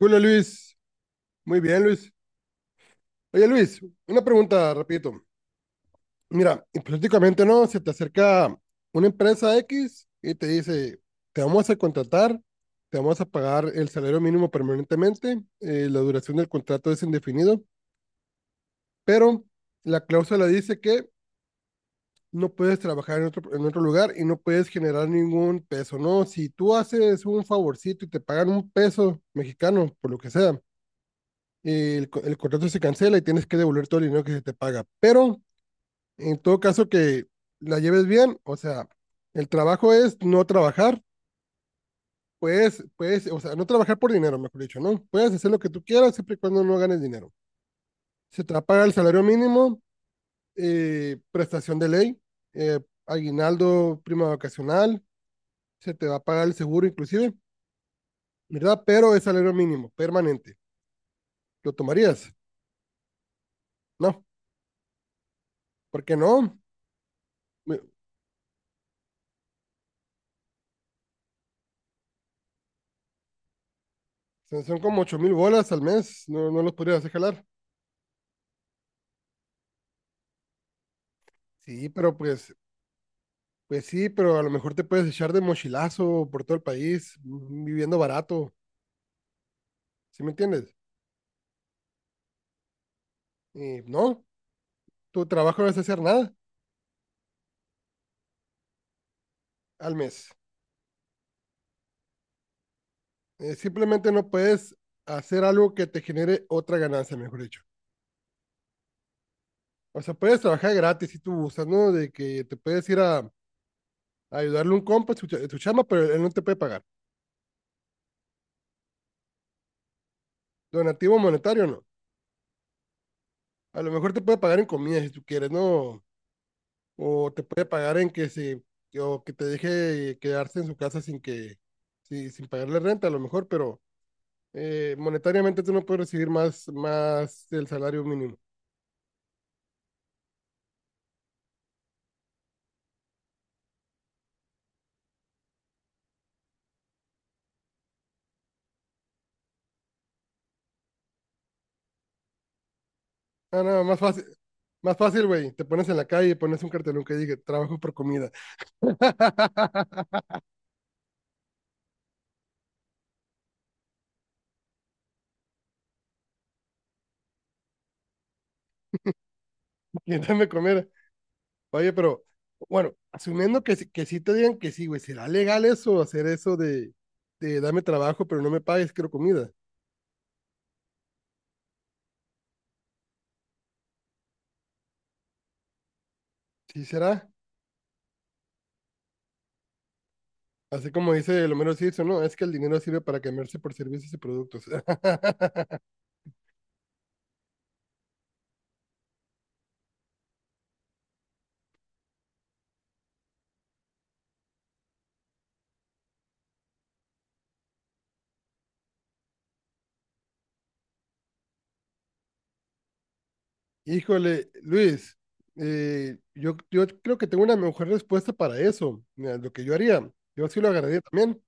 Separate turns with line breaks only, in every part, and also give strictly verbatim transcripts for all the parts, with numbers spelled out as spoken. Hola, Luis, muy bien, Luis. Oye, Luis, una pregunta, repito. Mira, hipotéticamente no, se te acerca una empresa X y te dice, te vamos a contratar, te vamos a pagar el salario mínimo permanentemente, eh, la duración del contrato es indefinido, pero la cláusula dice que no puedes trabajar en otro, en otro lugar y no puedes generar ningún peso, ¿no? Si tú haces un favorcito y te pagan un peso mexicano, por lo que sea eh, el, co- el contrato se cancela y tienes que devolver todo el dinero que se te paga. Pero en todo caso que la lleves bien, o sea, el trabajo es no trabajar, puedes, puedes, o sea, no trabajar por dinero, mejor dicho, ¿no? Puedes hacer lo que tú quieras siempre y cuando no ganes dinero. Se te va a pagar el salario mínimo, eh, prestación de ley, eh, aguinaldo, prima vacacional, se te va a pagar el seguro inclusive, ¿verdad? Pero es salario mínimo, permanente. ¿Lo tomarías? No, ¿por qué no? Son, son como ocho mil bolas al mes, no, no los podrías hacer jalar. Sí, pero pues, pues sí, pero a lo mejor te puedes echar de mochilazo por todo el país, mm, viviendo barato, ¿sí me entiendes? Y no, tu trabajo no es hacer nada al mes. Eh, simplemente no puedes hacer algo que te genere otra ganancia, mejor dicho. O sea, puedes trabajar gratis si tú gustas, ¿no? De que te puedes ir a, a ayudarle a un compa en su, cha- en su chamba, pero él no te puede pagar. Donativo monetario, no. A lo mejor te puede pagar en comida si tú quieres, ¿no? O te puede pagar en que se, o que te deje quedarse en su casa sin que, sí, sin pagarle renta a lo mejor, pero eh, monetariamente tú no puedes recibir más, más del salario mínimo. Ah, no, más fácil, más fácil, güey, te pones en la calle y pones un cartelón que diga, trabajo por comida, y dame comer. Oye, pero, bueno, asumiendo que, sí- que sí te digan que sí, güey, ¿será legal eso, hacer eso de, de dame trabajo, pero no me pagues, quiero comida? ¿Sí será? Así como dice el Homero Simpson, ¿no? Es que el dinero sirve para cambiarse por servicios y productos. Híjole, Luis, eh, yo, yo creo que tengo una mejor respuesta para eso. Mira, lo que yo haría, yo sí lo agarraría también,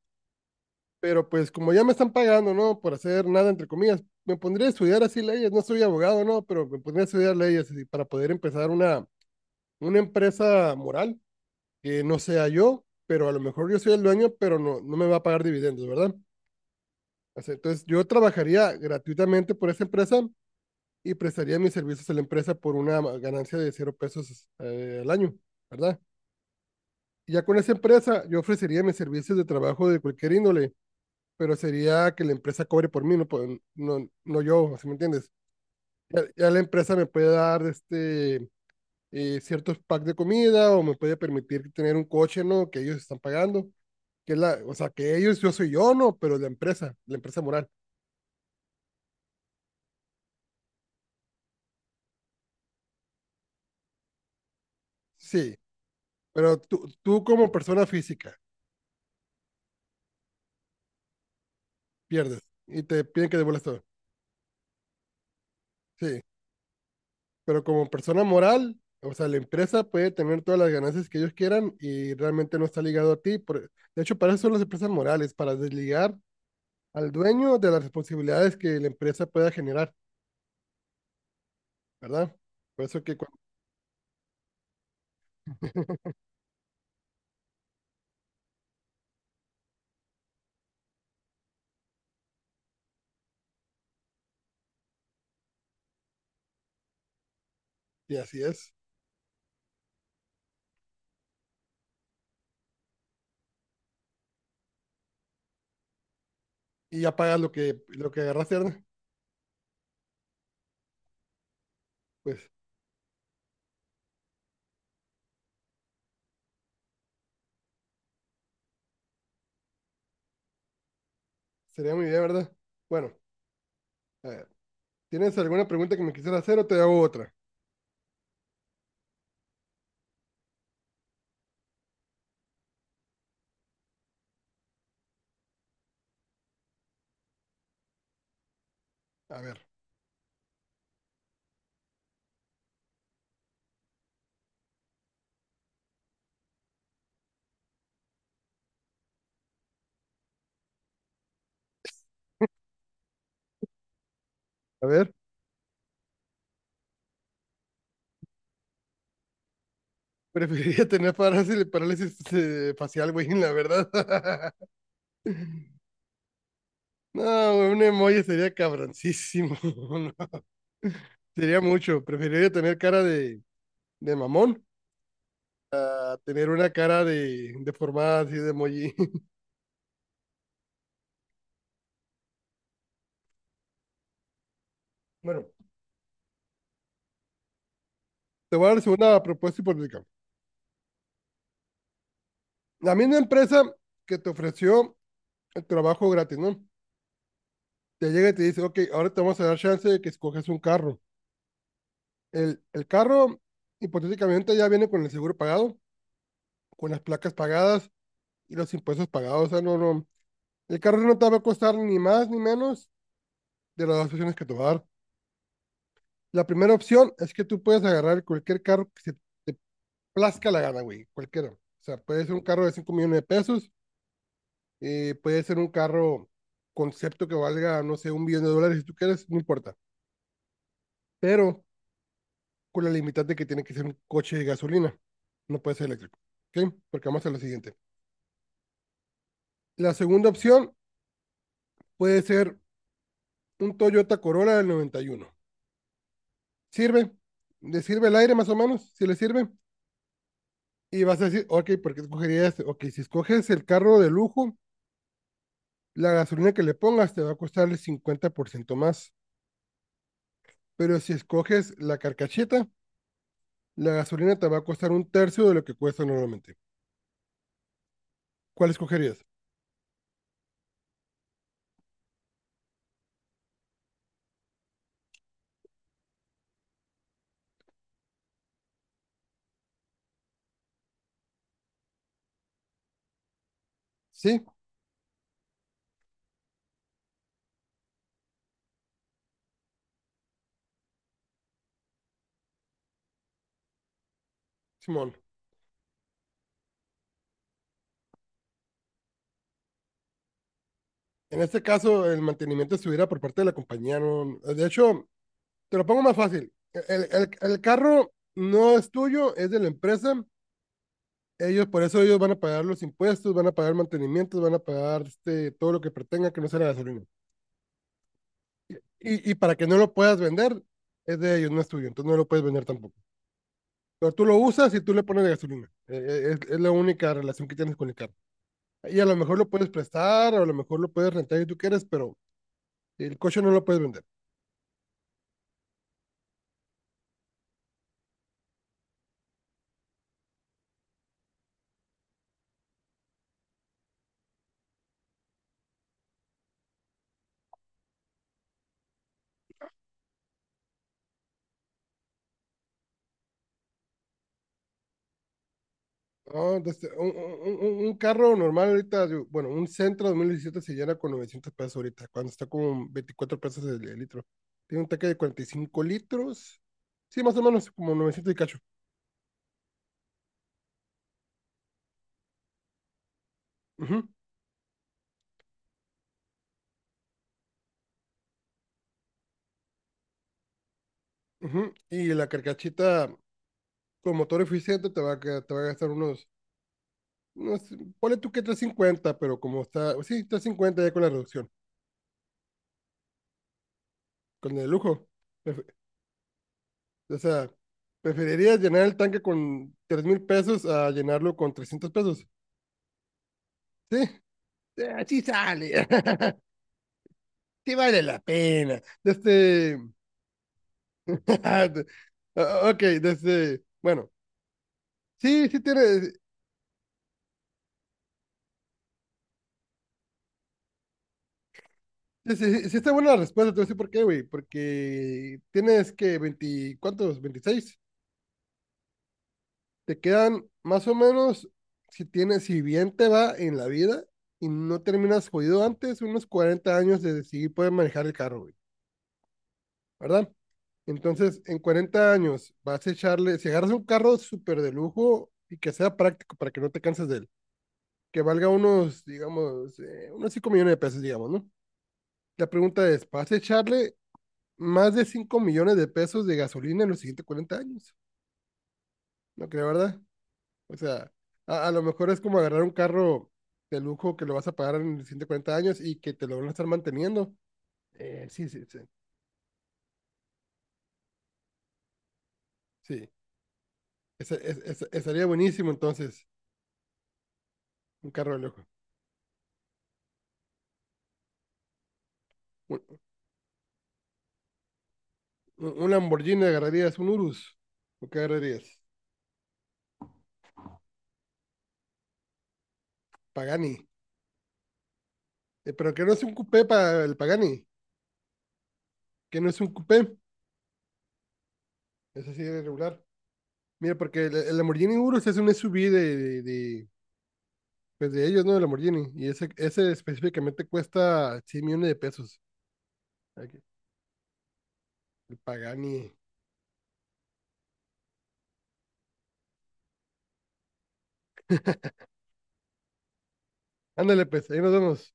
pero pues como ya me están pagando, ¿no? Por hacer nada, entre comillas, me pondría a estudiar así leyes. No soy abogado, ¿no? Pero me pondría a estudiar leyes así, para poder empezar una, una empresa moral que no sea yo, pero a lo mejor yo soy el dueño, pero no, no me va a pagar dividendos, ¿verdad? O entonces, yo trabajaría gratuitamente por esa empresa y prestaría mis servicios a la empresa por una ganancia de cero pesos eh, al año, ¿verdad? Y ya con esa empresa, yo ofrecería mis servicios de trabajo de cualquier índole, pero sería que la empresa cobre por mí, no, no, no yo, ¿sí me entiendes? Ya, ya la empresa me puede dar este, eh, ciertos packs de comida o me puede permitir tener un coche, ¿no? Que ellos están pagando, que es la, o sea, que ellos, yo soy yo, ¿no? Pero la empresa, la empresa moral. Sí, pero tú, tú como persona física pierdes y te piden que devuelvas todo. Sí, pero como persona moral, o sea, la empresa puede tener todas las ganancias que ellos quieran y realmente no está ligado a ti. Por- de hecho, para eso son las empresas morales, para desligar al dueño de las responsabilidades que la empresa pueda generar, ¿verdad? Por eso que cuando, y así es. Y ya pagas lo que, lo que agarraste, ¿verdad? Pues sería muy bien, ¿verdad? Bueno, a ver, ¿tienes alguna pregunta que me quisieras hacer o te hago otra? A ver, a ver. Preferiría tener parálisis, parálisis, eh, facial, güey, la verdad. No, güey, un emoji sería cabroncísimo. No, sería mucho. Preferiría tener cara de, de mamón a tener una cara de deformada así de emoji. Bueno, te voy a dar una propuesta hipotética. La misma empresa que te ofreció el trabajo gratis, ¿no? Te llega y te dice, ok, ahora te vamos a dar chance de que escoges un carro. El, el carro, hipotéticamente, ya viene con el seguro pagado, con las placas pagadas y los impuestos pagados. O sea, no, no. El carro no te va a costar ni más ni menos de las dos opciones que te va a dar. La primera opción es que tú puedes agarrar cualquier carro que se te plazca la gana, güey, cualquiera. O sea, puede ser un carro de cinco millones de pesos, eh, puede ser un carro concepto que valga, no sé, un millón de dólares, si tú quieres, no importa. Pero con la limitante que tiene que ser un coche de gasolina, no puede ser eléctrico. ¿Ok? Porque vamos a lo siguiente. La segunda opción puede ser un Toyota Corolla del noventa y uno. Sirve, le sirve el aire más o menos, si le sirve. Y vas a decir, ok, ¿por qué escogerías? Ok, si escoges el carro de lujo, la gasolina que le pongas te va a costar el cincuenta por ciento más. Pero si escoges la carcacheta, la gasolina te va a costar un tercio de lo que cuesta normalmente. ¿Cuál escogerías? Sí, Simón. En este caso, el mantenimiento estuviera por parte de la compañía. No, de hecho, te lo pongo más fácil. El, el, el carro no es tuyo, es de la empresa. Ellos, por eso ellos van a pagar los impuestos, van a pagar mantenimientos, van a pagar este, todo lo que pretenga que no sea la gasolina. Y, y para que no lo puedas vender, es de ellos, no es tuyo, entonces no lo puedes vender tampoco. Pero tú lo usas y tú le pones de gasolina. Eh, eh, Es, es la única relación que tienes con el carro. Y a lo mejor lo puedes prestar, o a lo mejor lo puedes rentar si tú quieres, pero el coche no lo puedes vender. No, entonces, un, un- un- un carro normal ahorita, yo- bueno, un Sentra dos mil diecisiete se llena con novecientos pesos ahorita, cuando está con veinticuatro pesos el, el litro. Tiene un tanque de cuarenta y cinco litros, sí, más o menos como novecientos y cacho. Ujú, ujú. Y la carcachita con motor eficiente te va a, que- te va a gastar unos, unos, ponle tú que trescientos cincuenta, pero como está, sí, trescientos cincuenta ya con la reducción, con el lujo. Prefe- O sea, preferirías llenar el tanque con tres mil pesos a llenarlo con trescientos pesos, ¿sí? Eh, así sale. Sí vale la pena. Desde. Ah, ok, desde. Bueno, sí, sí tiene. Sí, sí, sí está buena la respuesta, te voy a decir por qué, güey. Porque tienes que veinte, ¿cuántos? Veintiséis. Te quedan más o menos, si tienes, si bien te va en la vida y no terminas jodido antes, unos cuarenta años de decidir poder manejar el carro, güey. ¿Verdad? Entonces, en cuarenta años vas a echarle, si agarras un carro súper de lujo y que sea práctico para que no te canses de él, que valga unos, digamos, eh, unos cinco millones de pesos, digamos, ¿no? La pregunta es, ¿vas a echarle más de cinco millones de pesos de gasolina en los siguientes cuarenta años? No creo, ¿verdad? O sea, a, a lo mejor es como agarrar un carro de lujo que lo vas a pagar en los siguientes cuarenta años y que te lo van a estar manteniendo. Eh, sí, sí, sí. Sí, Ese- es- es- estaría buenísimo entonces un carro de lujo. Un un Lamborghini agarrarías, un Urus. ¿O qué agarrarías? Pagani. Eh, pero que no es un coupé para el Pagani. Que no es un coupé. Es así de regular. Mira, porque el, el Lamborghini Urus es un S U V de, de, de- pues de ellos, ¿no? El Lamborghini. Y ese, ese específicamente cuesta cien millones de pesos. Aquí, el Pagani. Ándale, pues, ahí nos vemos.